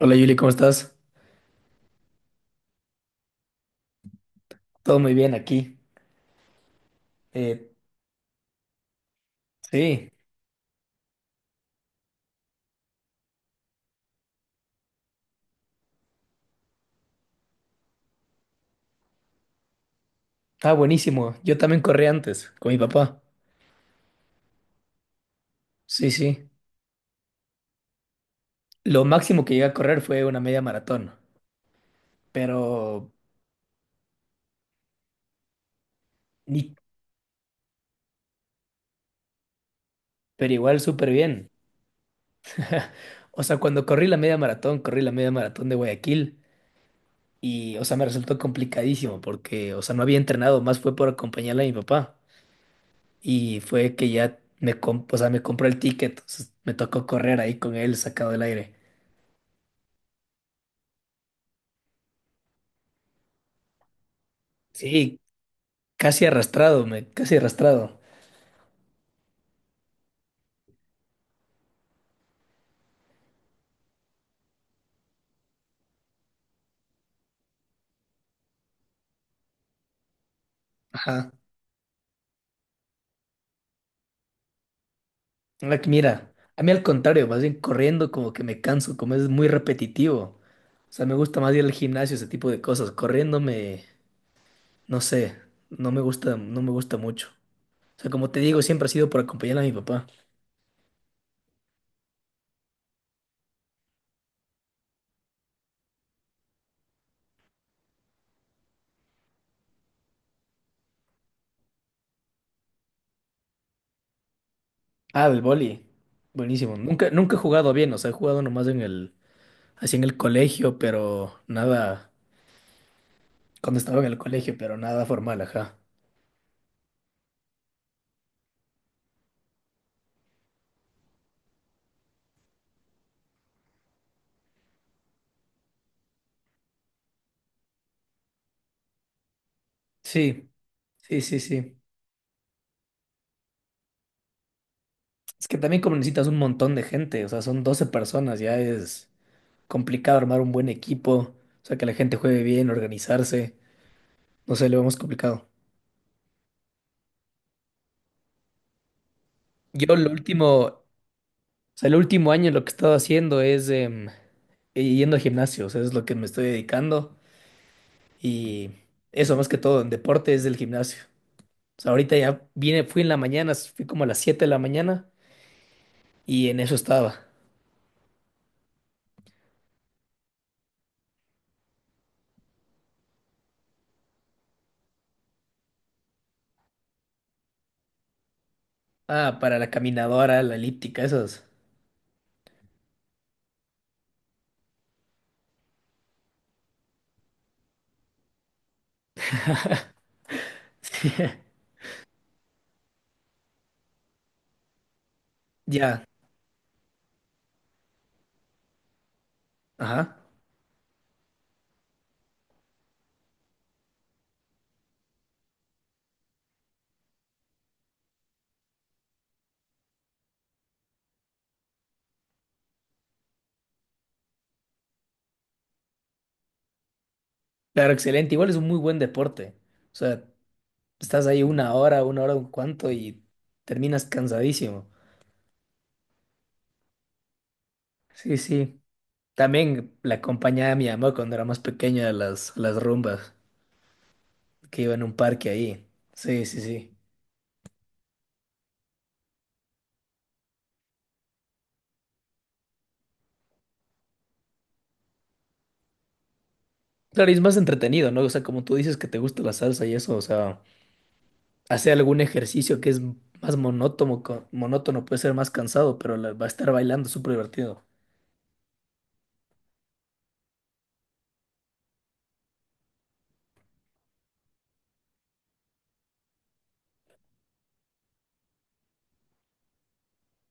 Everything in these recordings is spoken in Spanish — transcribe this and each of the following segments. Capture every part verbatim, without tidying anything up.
Hola, Yuli, ¿cómo estás? Todo muy bien aquí. Eh, sí, está buenísimo. Yo también corrí antes con mi papá. Sí, sí. Lo máximo que llegué a correr fue una media maratón, pero, ni- pero igual súper bien. O sea, cuando corrí la media maratón, corrí la media maratón de Guayaquil y, o sea, me resultó complicadísimo porque, o sea, no había entrenado, más fue por acompañarle a mi papá y fue que ya me, comp- o sea, me compró el ticket, entonces me tocó correr ahí con él sacado del aire. Sí, casi arrastrado, me, casi arrastrado. Ajá. Mira, que mira, a mí al contrario, más bien corriendo como que me canso, como es muy repetitivo. O sea, me gusta más ir al gimnasio, ese tipo de cosas. Corriendo me, no sé, no me gusta, no me gusta mucho. O sea, como te digo, siempre ha sido por acompañar a mi papá. Ah, del boli. Buenísimo. Nunca, nunca he jugado bien, o sea, he jugado nomás en el, así en el colegio, pero nada, cuando estaba en el colegio, pero nada formal, ajá. Sí, sí, sí, sí. Es que también como necesitas un montón de gente, o sea, son doce personas, ya es complicado armar un buen equipo, o sea, que la gente juegue bien, organizarse, no sé, lo vemos complicado. Yo lo último, o sea, el último año lo que he estado haciendo es em, yendo a gimnasio, o sea, es lo que me estoy dedicando y eso más que todo en deporte es el gimnasio. O sea, ahorita ya vine, fui en la mañana, fui como a las siete de la mañana y en eso estaba. Ah, para la caminadora, la elíptica, esas. Ya, ajá. Claro, excelente. Igual es un muy buen deporte. O sea, estás ahí una hora, una hora, un cuanto y terminas cansadísimo. Sí, sí. También la acompañaba mi mamá cuando era más pequeña a las, a las rumbas, que iba en un parque ahí. Sí, sí, sí. Claro, y es más entretenido, ¿no? O sea, como tú dices que te gusta la salsa y eso, o sea, hacer algún ejercicio que es más monótono, co- monótono puede ser más cansado, pero la- va a estar bailando súper divertido.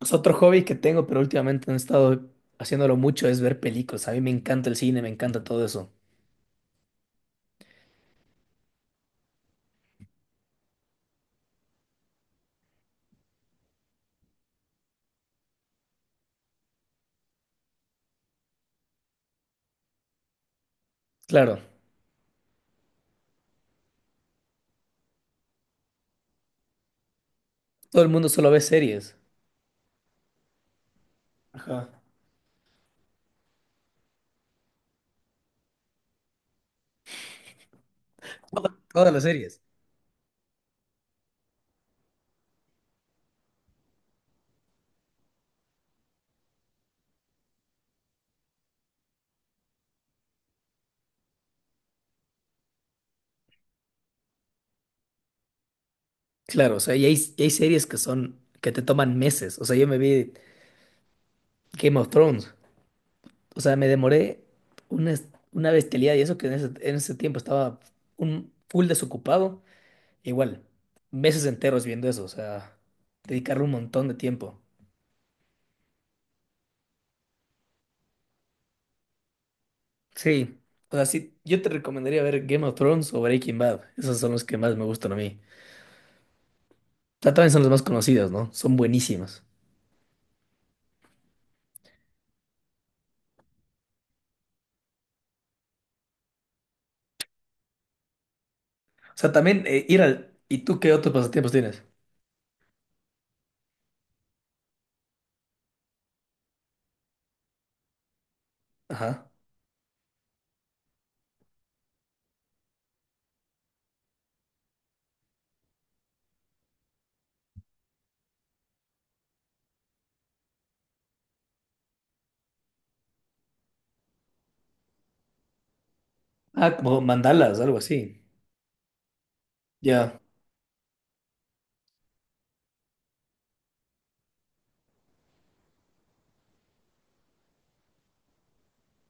Es otro hobby que tengo, pero últimamente no he estado haciéndolo mucho, es ver películas. A mí me encanta el cine, me encanta todo eso. Claro, todo el mundo solo ve series. Ajá. Toda- Todas las series. Claro, o sea, y hay, y hay series que son, que te toman meses. O sea, yo me vi Game of Thrones. O sea, me demoré una, es- una bestialidad y eso que en ese, en ese tiempo estaba un full desocupado. Igual, meses enteros viendo eso. O sea, dedicarle un montón de tiempo. Sí. O sea, sí, yo te recomendaría ver Game of Thrones o Breaking Bad. Esos son los que más me gustan a mí. O sea, también son los más conocidos, ¿no? Son buenísimos. O sea, también eh, ir al... ¿Y tú qué otros pasatiempos tienes? Ajá. Ah, como mandalas, algo así. Ya.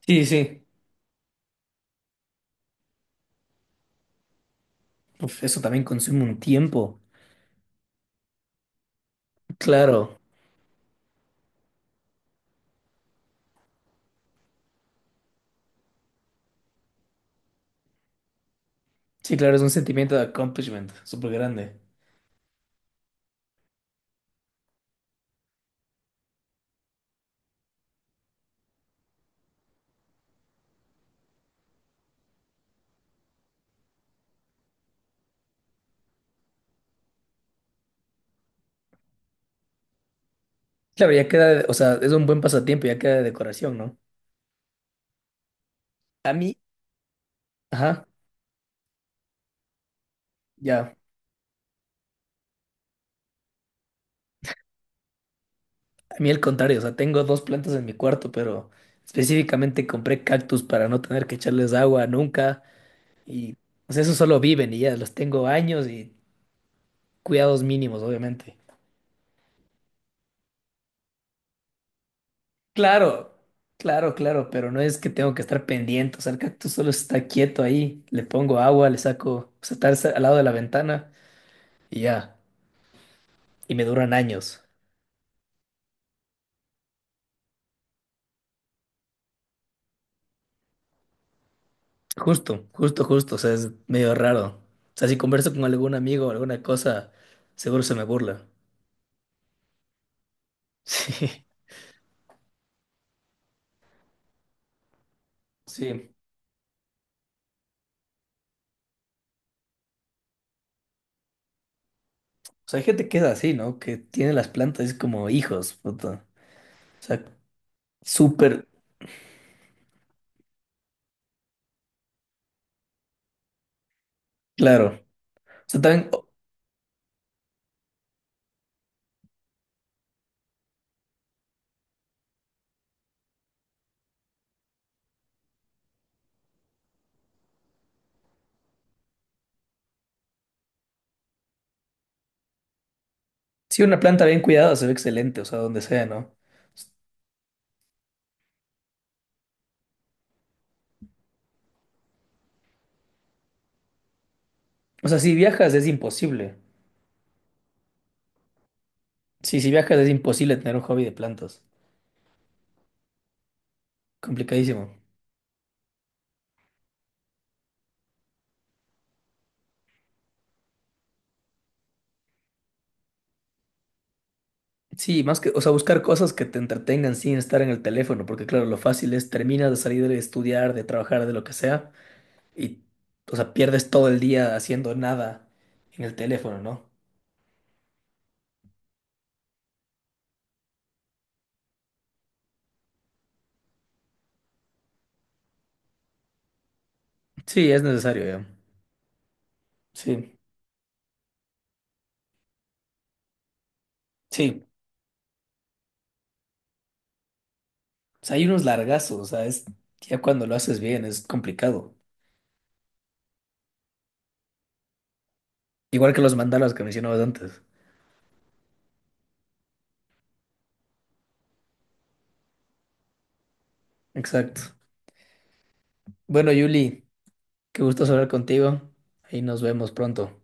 Sí, sí. Uf, eso también consume un tiempo. Claro. Sí, claro, es un sentimiento de accomplishment súper grande. Claro, ya queda, o sea, es un buen pasatiempo, ya queda de decoración, ¿no? A mí, ajá, ya. A mí al contrario, o sea, tengo dos plantas en mi cuarto, pero específicamente compré cactus para no tener que echarles agua nunca y o sea, eso solo viven y ya los tengo años y cuidados mínimos, obviamente. Claro, claro, claro, pero no es que tengo que estar pendiente, o sea, el cactus solo está quieto ahí, le pongo agua, le saco, o sea, está al lado de la ventana y ya, y me duran años. Justo, justo, justo, o sea, es medio raro. O sea, si converso con algún amigo o alguna cosa, seguro se me burla. Sí. Sí, o sea, hay gente que es así, ¿no? Que tiene las plantas como hijos, puta. O sea, súper claro. O sea, también, o- si una planta bien cuidada se ve excelente, o sea, donde sea, ¿no? O sea, si viajas es imposible. Sí, si viajas es imposible tener un hobby de plantas. Complicadísimo. Sí, más que, o sea, buscar cosas que te entretengan sin estar en el teléfono, porque claro, lo fácil es terminas de salir de estudiar, de trabajar, de lo que sea, y, o sea, pierdes todo el día haciendo nada en el teléfono, ¿no? Sí, es necesario ya. Sí, sí. O sea, hay unos largazos, o sea, es ya cuando lo haces bien es complicado. Igual que los mandalas que mencionabas antes. Exacto. Bueno, Yuli, qué gusto hablar contigo. Ahí nos vemos pronto.